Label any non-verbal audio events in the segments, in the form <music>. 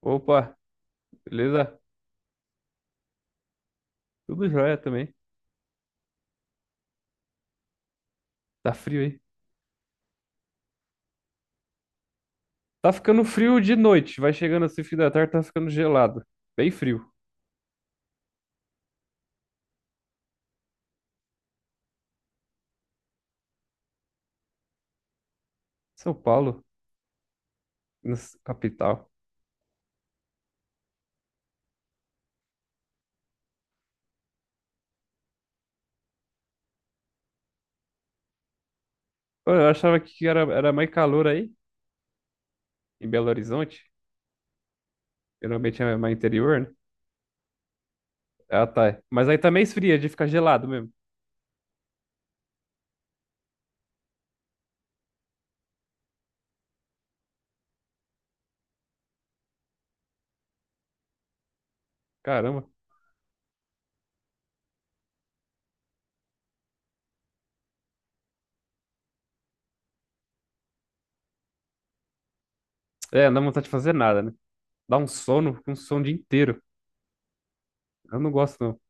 Opa, beleza? Tudo jóia também. Tá frio aí. Tá ficando frio de noite, vai chegando assim, fim da tarde, tá ficando gelado. Bem frio. São Paulo, na capital. Pô, eu achava que era, mais calor aí, em Belo Horizonte. Geralmente é mais interior, né? Ah, tá. Mas aí também esfria, de ficar gelado mesmo. Caramba. É, não dá vontade de fazer nada, né? Dá um sono o dia inteiro. Eu não gosto, não.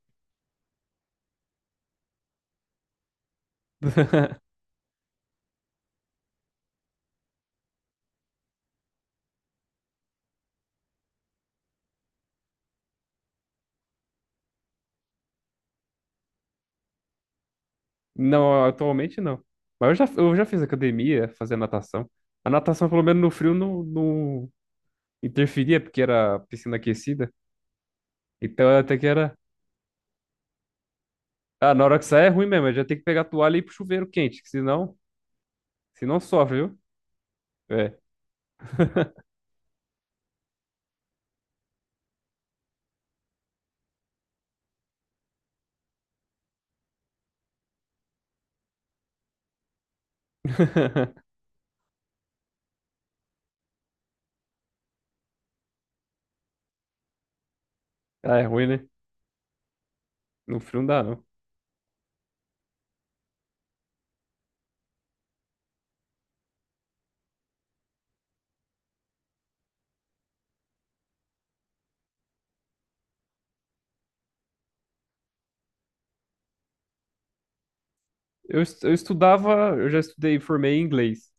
Não, atualmente não. Mas eu já fiz academia, fazer natação. A natação, pelo menos no frio, não, não, interferia, porque era piscina aquecida. Então até que era. Ah, na hora que sai é ruim mesmo, já tem que pegar a toalha e ir pro chuveiro quente, que senão sofre, viu? É. <laughs> Ah, é ruim, né? No frio não dá, não. Eu estudava, eu já estudei, formei em inglês.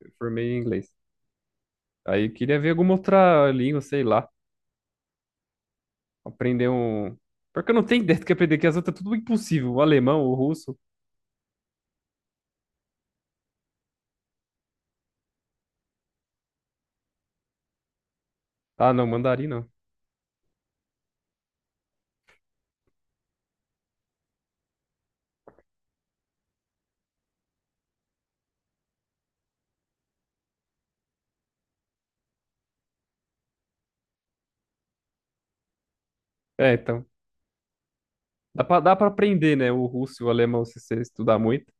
Eu formei em inglês. Aí eu queria ver alguma outra língua, sei lá. Aprender um. Porque eu não tenho ideia do que aprender, que as outras é tudo impossível. O alemão, o russo. Ah, não, mandarim não. É, então. Dá pra aprender, né? O russo e o alemão se você estudar muito.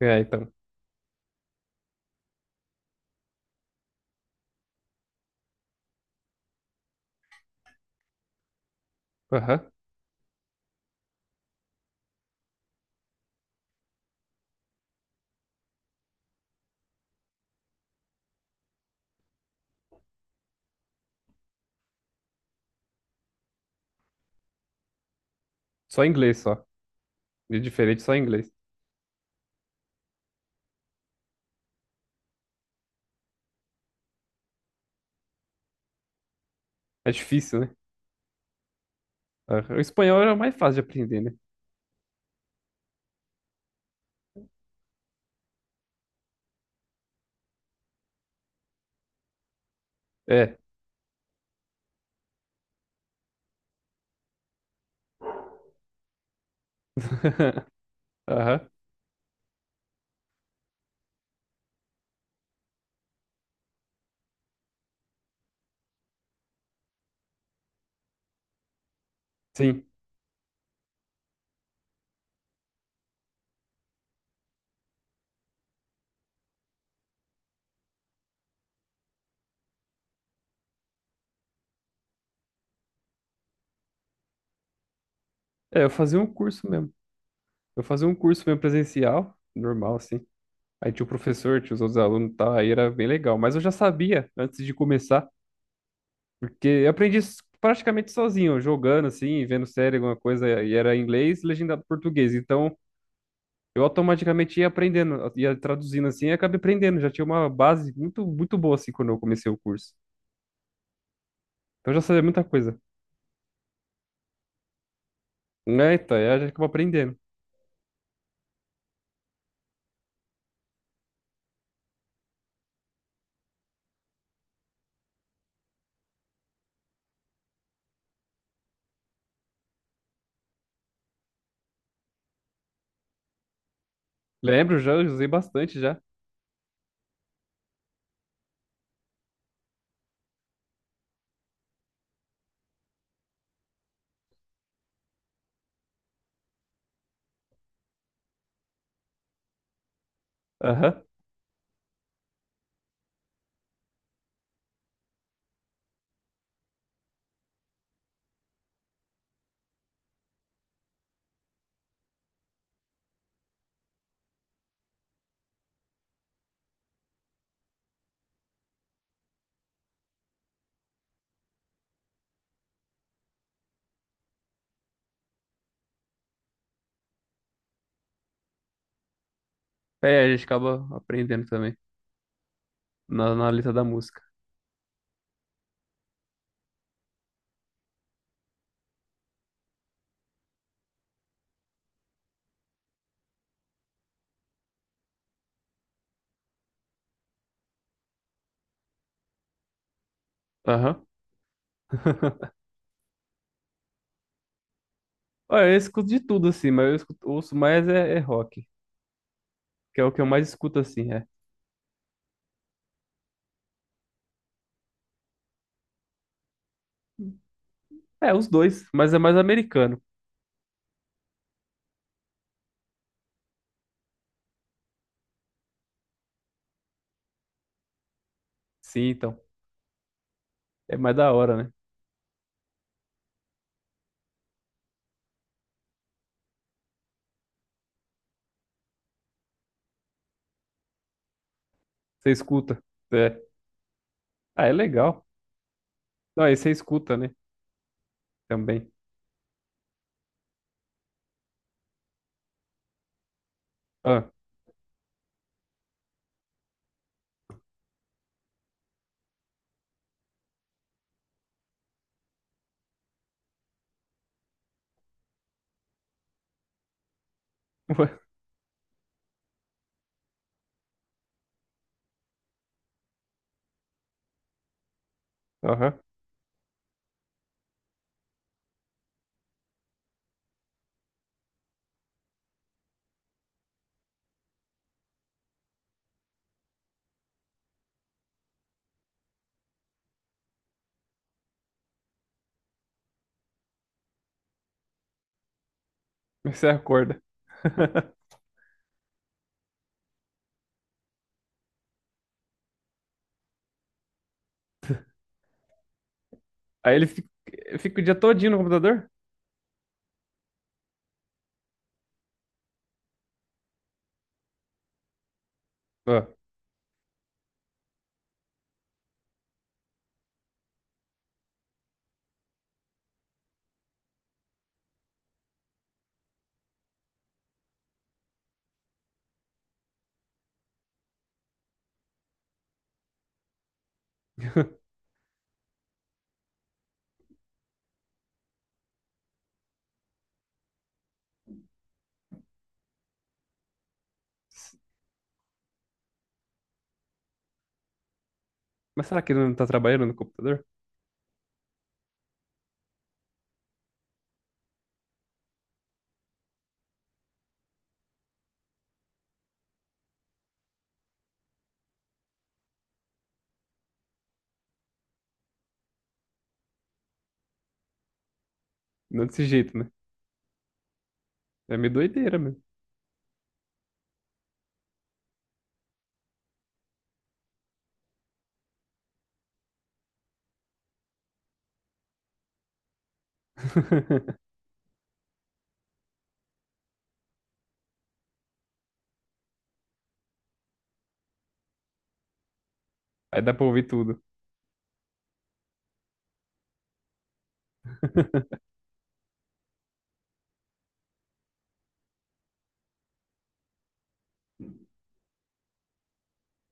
É, então. Aham. Só inglês, só. De diferente, só inglês. É difícil, né? Aham. O espanhol era mais fácil de aprender, né? É. <laughs> Aham. Sim. É, eu fazia um curso mesmo. Eu fazia um curso mesmo presencial, normal, assim. Aí tinha o professor, tinha os outros alunos e tal, aí era bem legal. Mas eu já sabia antes de começar, porque praticamente sozinho, jogando, assim, vendo série, alguma coisa, e era inglês e legendado em português. Então, eu automaticamente ia aprendendo, ia traduzindo, assim, e acabei aprendendo. Já tinha uma base muito, muito boa, assim, quando eu comecei o curso. Então eu já sabia muita coisa. Eita, aí a gente acaba aprendendo. Lembro já, usei bastante já. Aham. É, a gente acaba aprendendo também na letra da música. Aham. Olha, eu escuto de tudo assim, mas ouço mais é, é rock, que é o que eu mais escuto assim, é. É, os dois, mas é mais americano. Sim, então. É mais da hora, né? Você escuta. É. Ah, é legal. Não, aí você escuta, né? Também. Ah. <laughs> Aham. Aí você acorda. <laughs> Aí fica o dia todinho no computador? Ah. Mas será que ele não tá trabalhando no computador? Não desse jeito, né? É meio doideira mesmo. <laughs> Aí dá pra ouvir tudo.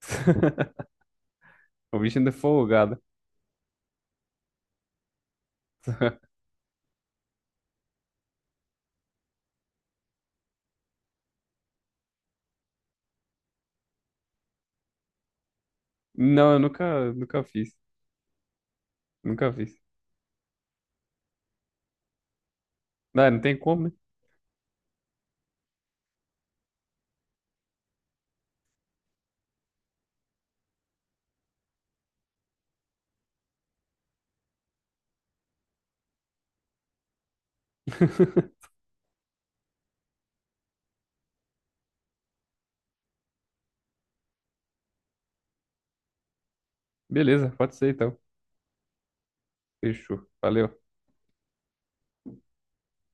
<laughs> O bicho ainda é folgado. <laughs> Não, eu nunca, nunca fiz. Nunca fiz. Não, não tem como, né? <laughs> Beleza, pode ser então. Fechou. Valeu.